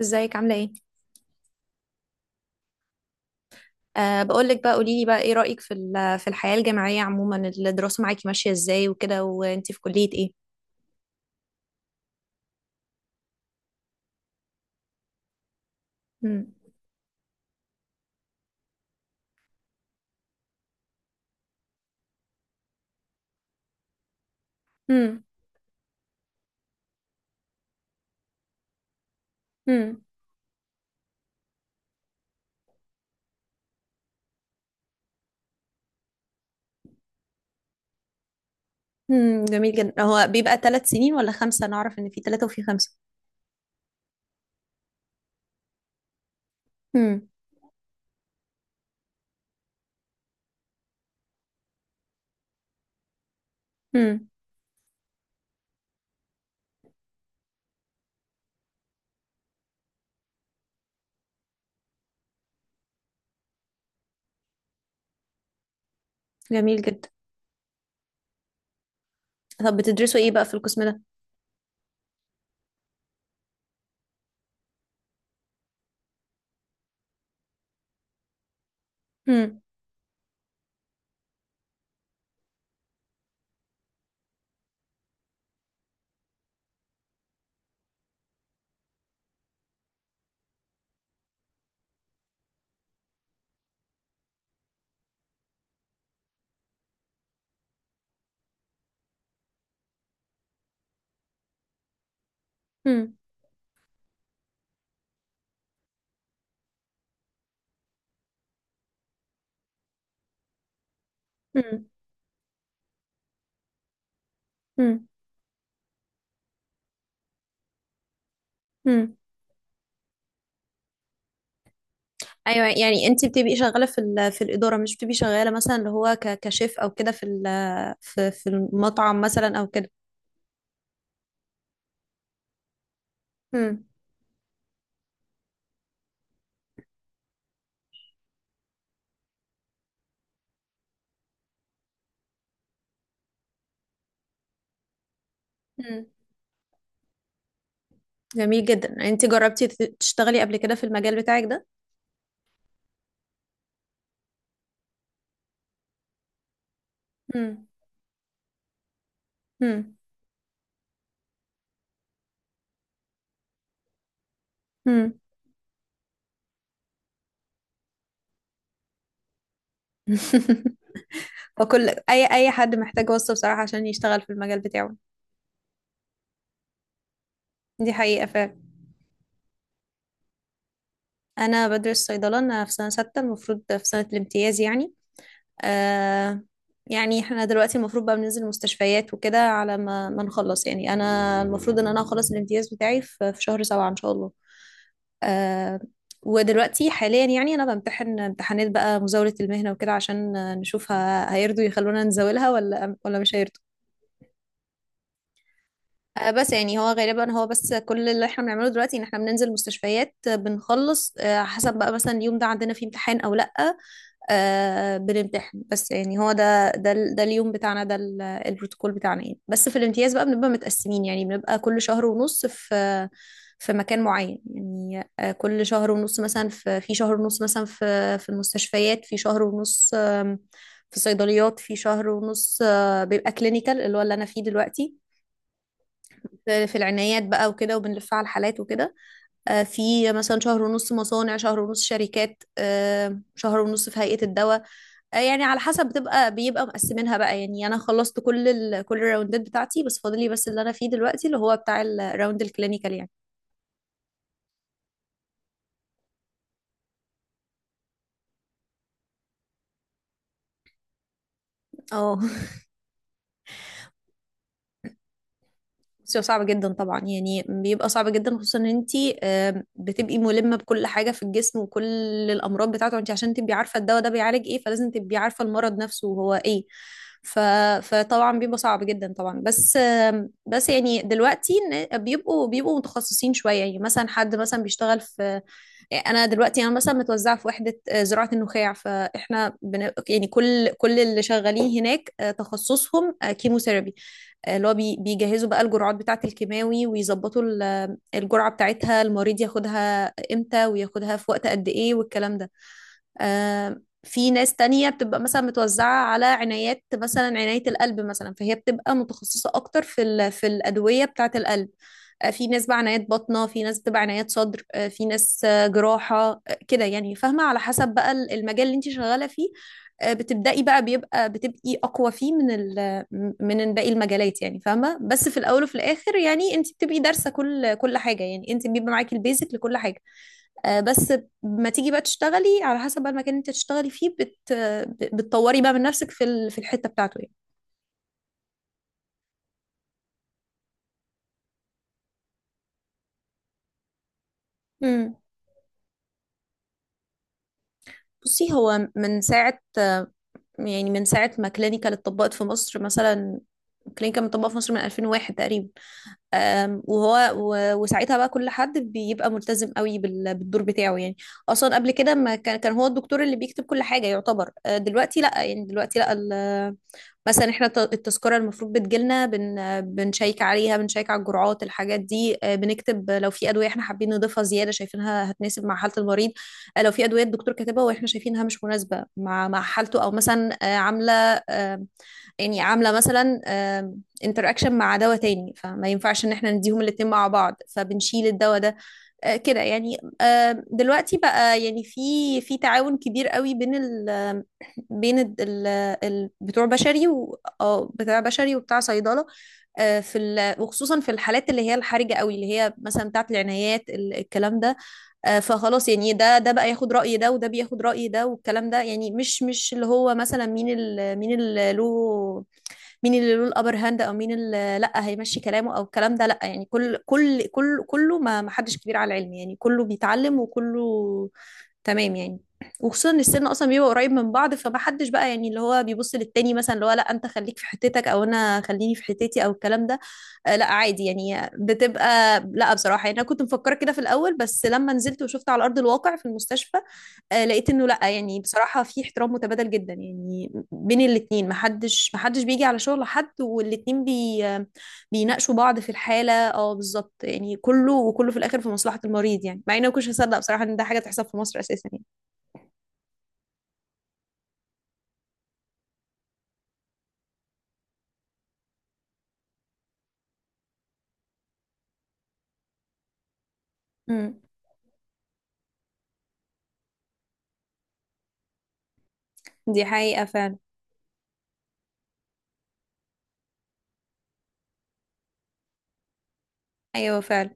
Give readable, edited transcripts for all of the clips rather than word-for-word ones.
ازيك عاملة ايه؟ أه بقول لك بقى قولي لي بقى ايه رأيك في في الحياة الجامعية عموما. الدراسة معاكي ماشية ازاي وكده، وانتي في كلية ايه؟ مم. مم. مم. مم. جميل جدا، هو بيبقى 3 سنين ولا خمسة؟ أنا أعرف إن في ثلاثة وفي خمسة. مم. مم. جميل جدا. طب بتدرسوا ايه بقى في القسم ده؟ مم. مم. مم. مم. مم. أيوة، يعني انتي بتبقي شغالة في في الإدارة، مش بتبقي شغالة مثلا اللي هو كشيف أو كده في في المطعم مثلا أو كده. مم. جميل جدا. انت جربتي تشتغلي قبل كده في المجال بتاعك ده؟ امم. امم. امم. وكل اي حد محتاج وصفة بصراحة عشان يشتغل في المجال بتاعه. دي حقيقة فعلا. انا بدرس صيدلة، انا في سنة 6، المفروض في سنة الامتياز يعني. آه. يعني احنا دلوقتي المفروض بقى بننزل المستشفيات وكده على ما نخلص، يعني انا المفروض ان انا اخلص الامتياز بتاعي في شهر 7 ان شاء الله. آه. ودلوقتي حاليا يعني انا بمتحن امتحانات بقى مزاولة المهنة وكده، عشان نشوف هيرضوا يخلونا نزاولها ولا مش هيرضوا. بس يعني هو غالبا هو بس كل اللي احنا بنعمله دلوقتي ان احنا بننزل مستشفيات، بنخلص حسب بقى مثلا اليوم ده عندنا فيه امتحان او لا. بنمتحن. بس يعني هو ده اليوم بتاعنا، ده البروتوكول بتاعنا يعني. بس في الامتياز بقى بنبقى متقسمين، يعني بنبقى كل شهر ونص في في مكان معين يعني. كل شهر ونص مثلا في في شهر ونص مثلا في في المستشفيات، في شهر ونص في صيدليات، في شهر ونص بيبقى كلينيكال اللي هو اللي انا فيه دلوقتي في العنايات بقى وكده، وبنلف على الحالات وكده. في مثلا شهر ونص مصانع، شهر ونص شركات، شهر ونص في هيئة الدواء. يعني على حسب، بيبقى مقسمينها بقى يعني. انا خلصت كل كل الراوندات بتاعتي، بس فاضلي بس اللي انا فيه دلوقتي اللي هو بتاع الراوند الكلينيكال يعني. اه. بصي، هو صعب جدا طبعا، يعني بيبقى صعب جدا، خصوصا ان انت بتبقي ملمه بكل حاجه في الجسم وكل الامراض بتاعته، انت عشان تبقي عارفه الدواء ده بيعالج ايه فلازم تبقي عارفه المرض نفسه وهو ايه. ف... فطبعا بيبقى صعب جدا طبعا، بس يعني دلوقتي بيبقوا متخصصين شويه يعني. مثلا حد مثلا بيشتغل في، انا دلوقتي انا مثلا متوزعه في وحده زراعه النخاع، فاحنا يعني كل اللي شغالين هناك تخصصهم كيموثيرابي. اللي هو بيجهزوا بقى الجرعات بتاعة الكيماوي، ويظبطوا الجرعة بتاعتها، المريض ياخدها امتى وياخدها في وقت قد ايه والكلام ده. في ناس تانية بتبقى مثلا متوزعة على عنايات، مثلا عناية القلب مثلا، فهي بتبقى متخصصة أكتر في في الأدوية بتاعة القلب. في ناس بقى عنايات باطنة، في ناس بتبقى عنايات صدر، في ناس جراحة، كده يعني فاهمة، على حسب بقى المجال اللي انت شغالة فيه. بتبدأي بقى، بيبقى بتبقي أقوى فيه من من باقي المجالات يعني فاهمة. بس في الأول وفي الآخر يعني انت بتبقي دارسة كل حاجة، يعني انت بيبقى معاكي البيزك لكل حاجة. بس ما تيجي بقى تشتغلي على حسب بقى المكان اللي انت تشتغلي فيه، بتطوري بقى من نفسك في في الحتة بتاعته يعني. امم. بصي، هو من ساعة، يعني من ساعة ما كلينيكال اتطبقت في مصر مثلا، كلينيكال متطبقة في مصر من 2001 تقريبا. وهو وساعتها بقى كل حد بيبقى ملتزم قوي بالدور بتاعه يعني. اصلا قبل كده ما كان هو الدكتور اللي بيكتب كل حاجه، يعتبر. دلوقتي لا، يعني دلوقتي لا مثلا احنا التذكره المفروض بتجيلنا، بنشيك عليها، بنشيك على الجرعات، الحاجات دي. بنكتب لو في ادويه احنا حابين نضيفها زياده شايفينها هتناسب مع حاله المريض. لو في ادويه الدكتور كاتبها واحنا شايفينها مش مناسبه مع حالته، او مثلا عامله، أه، يعني عامله مثلا انتراكشن مع دواء تاني، فما ينفعش ان احنا نديهم الاتنين مع بعض، فبنشيل الدواء ده. كده يعني. دلوقتي بقى يعني في تعاون كبير قوي بين ال بين ال ال بتوع بشري و آه، بتاع بشري وبتاع صيدلة. في وخصوصا في الحالات اللي هي الحرجة قوي، اللي هي مثلا بتاعت العنايات الكلام ده. فخلاص يعني، ده بقى ياخد رأي ده، وده بياخد رأي ده، والكلام ده. يعني مش اللي هو مثلا مين مين اللي له، مين اللي له الابر هاند، او مين اللي لا هيمشي كلامه او الكلام ده، لا. يعني كل كل كل كله، ما حدش كبير على العلم يعني، كله بيتعلم وكله تمام يعني. وخصوصا ان السن اصلا بيبقى قريب من بعض، فما حدش بقى يعني اللي هو بيبص للتاني مثلا اللي هو لا انت خليك في حتتك او انا خليني في حتتي او الكلام ده. لا، عادي يعني بتبقى، لا بصراحه يعني انا كنت مفكره كده في الاول، بس لما نزلت وشفت على ارض الواقع في المستشفى، لقيت انه لا، يعني بصراحه في احترام متبادل جدا يعني بين الاثنين، محدش بيجي على شغل حد، والاثنين بي آه، بيناقشوا بعض في الحاله، بالظبط يعني، كله وكله في الاخر في مصلحه المريض يعني. مع اني ما كنتش هصدق بصراحه ان ده حاجه تحصل في مصر اساسا يعني. امم. دي حقيقه فعلا. ايوه فعلا.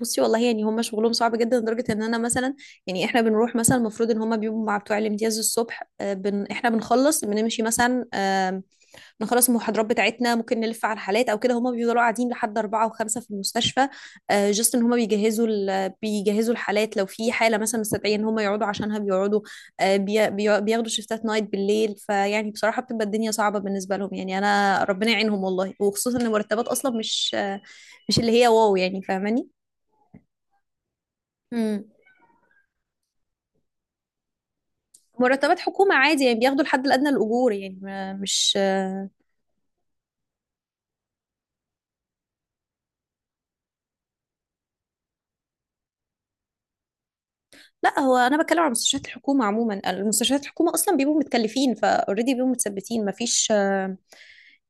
بصي والله، يعني هم شغلهم صعب جدا لدرجه ان انا مثلا، يعني احنا بنروح مثلا المفروض ان هم بيبقوا مع بتوع الامتياز الصبح، آه، بن احنا بنخلص بنمشي مثلا، نخلص المحاضرات بتاعتنا، ممكن نلف على الحالات او كده، هما بيفضلوا قاعدين لحد 4 و5 في المستشفى. جست ان هما بيجهزوا بيجهزوا الحالات. لو في حالة مثلا مستدعية ان هما يقعدوا عشانها بيقعدوا. بياخدوا شيفتات نايت بالليل، فيعني بصراحة بتبقى الدنيا صعبة بالنسبة لهم يعني. انا ربنا يعينهم والله، وخصوصا ان المرتبات اصلا مش مش اللي هي واو، يعني فاهماني. مم. مرتبات حكومة عادي، يعني بياخدوا الحد الأدنى للأجور يعني. مش، لا، هو انا بتكلم على مستشفيات الحكومه عموما. المستشفيات الحكومه اصلا بيبقوا متكلفين فاوريدي، بيبقوا متثبتين، مفيش،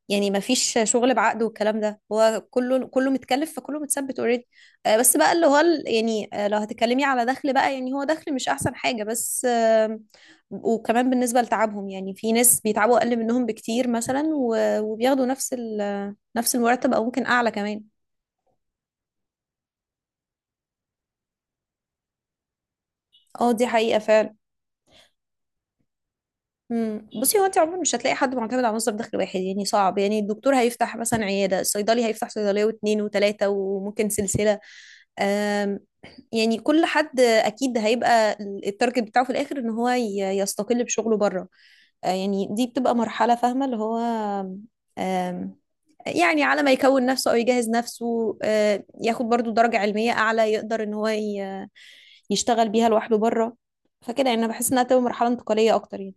يعني مفيش شغل بعقد والكلام ده، هو كله كله متكلف فكله متثبت اوريدي. بس بقى اللي هو يعني لو هتتكلمي على دخل بقى، يعني هو دخل مش احسن حاجه. بس وكمان بالنسبه لتعبهم، يعني في ناس بيتعبوا اقل منهم بكتير مثلا وبياخدوا نفس نفس المرتب، او ممكن اعلى كمان. اه دي حقيقه فعلا. مم. بصي، هو انت عموما مش هتلاقي حد معتمد على مصدر دخل واحد، يعني صعب. يعني الدكتور هيفتح مثلا عياده، الصيدلي هيفتح صيدليه واثنين وثلاثه وممكن سلسله. آم، يعني كل حد اكيد هيبقى التارجت بتاعه في الاخر ان هو يستقل بشغله بره. يعني دي بتبقى مرحله فاهمه اللي هو، آم، يعني على ما يكون نفسه او يجهز نفسه، ياخد برضو درجه علميه اعلى يقدر ان هو يشتغل بيها لوحده بره. فكده يعني انا بحس انها تبقى مرحله انتقاليه اكتر يعني.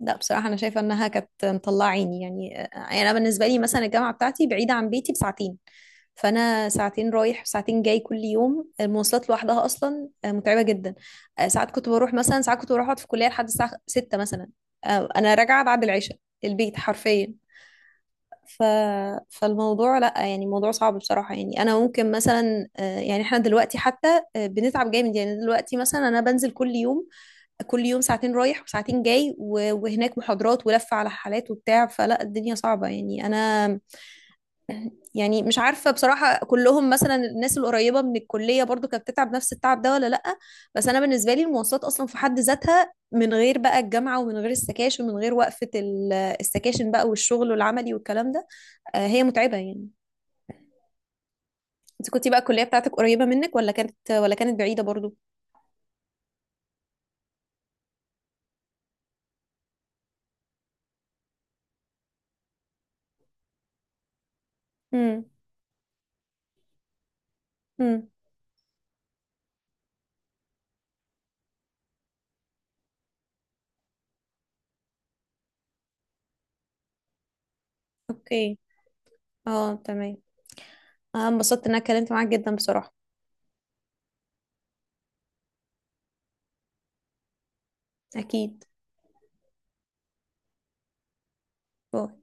لا بصراحة أنا شايفة إنها كانت مطلعة عيني يعني. أنا بالنسبة لي مثلا الجامعة بتاعتي بعيدة عن بيتي بساعتين، فأنا ساعتين رايح وساعتين جاي كل يوم. المواصلات لوحدها أصلا متعبة جدا. ساعات كنت بروح أقعد في الكلية لحد الساعة 6 مثلا. أنا راجعة بعد العشاء البيت حرفيا. ف... فالموضوع، لا يعني موضوع صعب بصراحة. يعني أنا ممكن مثلا يعني إحنا دلوقتي حتى بنتعب جامد يعني. دلوقتي مثلا أنا بنزل كل يوم، كل يوم ساعتين رايح وساعتين جاي وهناك محاضرات ولفة على حالات وبتاع، فلا الدنيا صعبة يعني. أنا يعني مش عارفة بصراحة، كلهم مثلا الناس القريبة من الكلية برضو كانت بتتعب نفس التعب ده ولا لأ، بس أنا بالنسبة لي المواصلات أصلا في حد ذاتها من غير بقى الجامعة ومن غير السكاشن ومن غير وقفة السكاشن بقى والشغل والعملي والكلام ده، هي متعبة يعني. أنت كنتي بقى الكلية بتاعتك قريبة منك ولا كانت بعيدة برضو؟ امم. امم. اوكي. اه تمام. انا انبسطت ان انا اتكلمت معاك جدا بصراحة. اكيد. باي.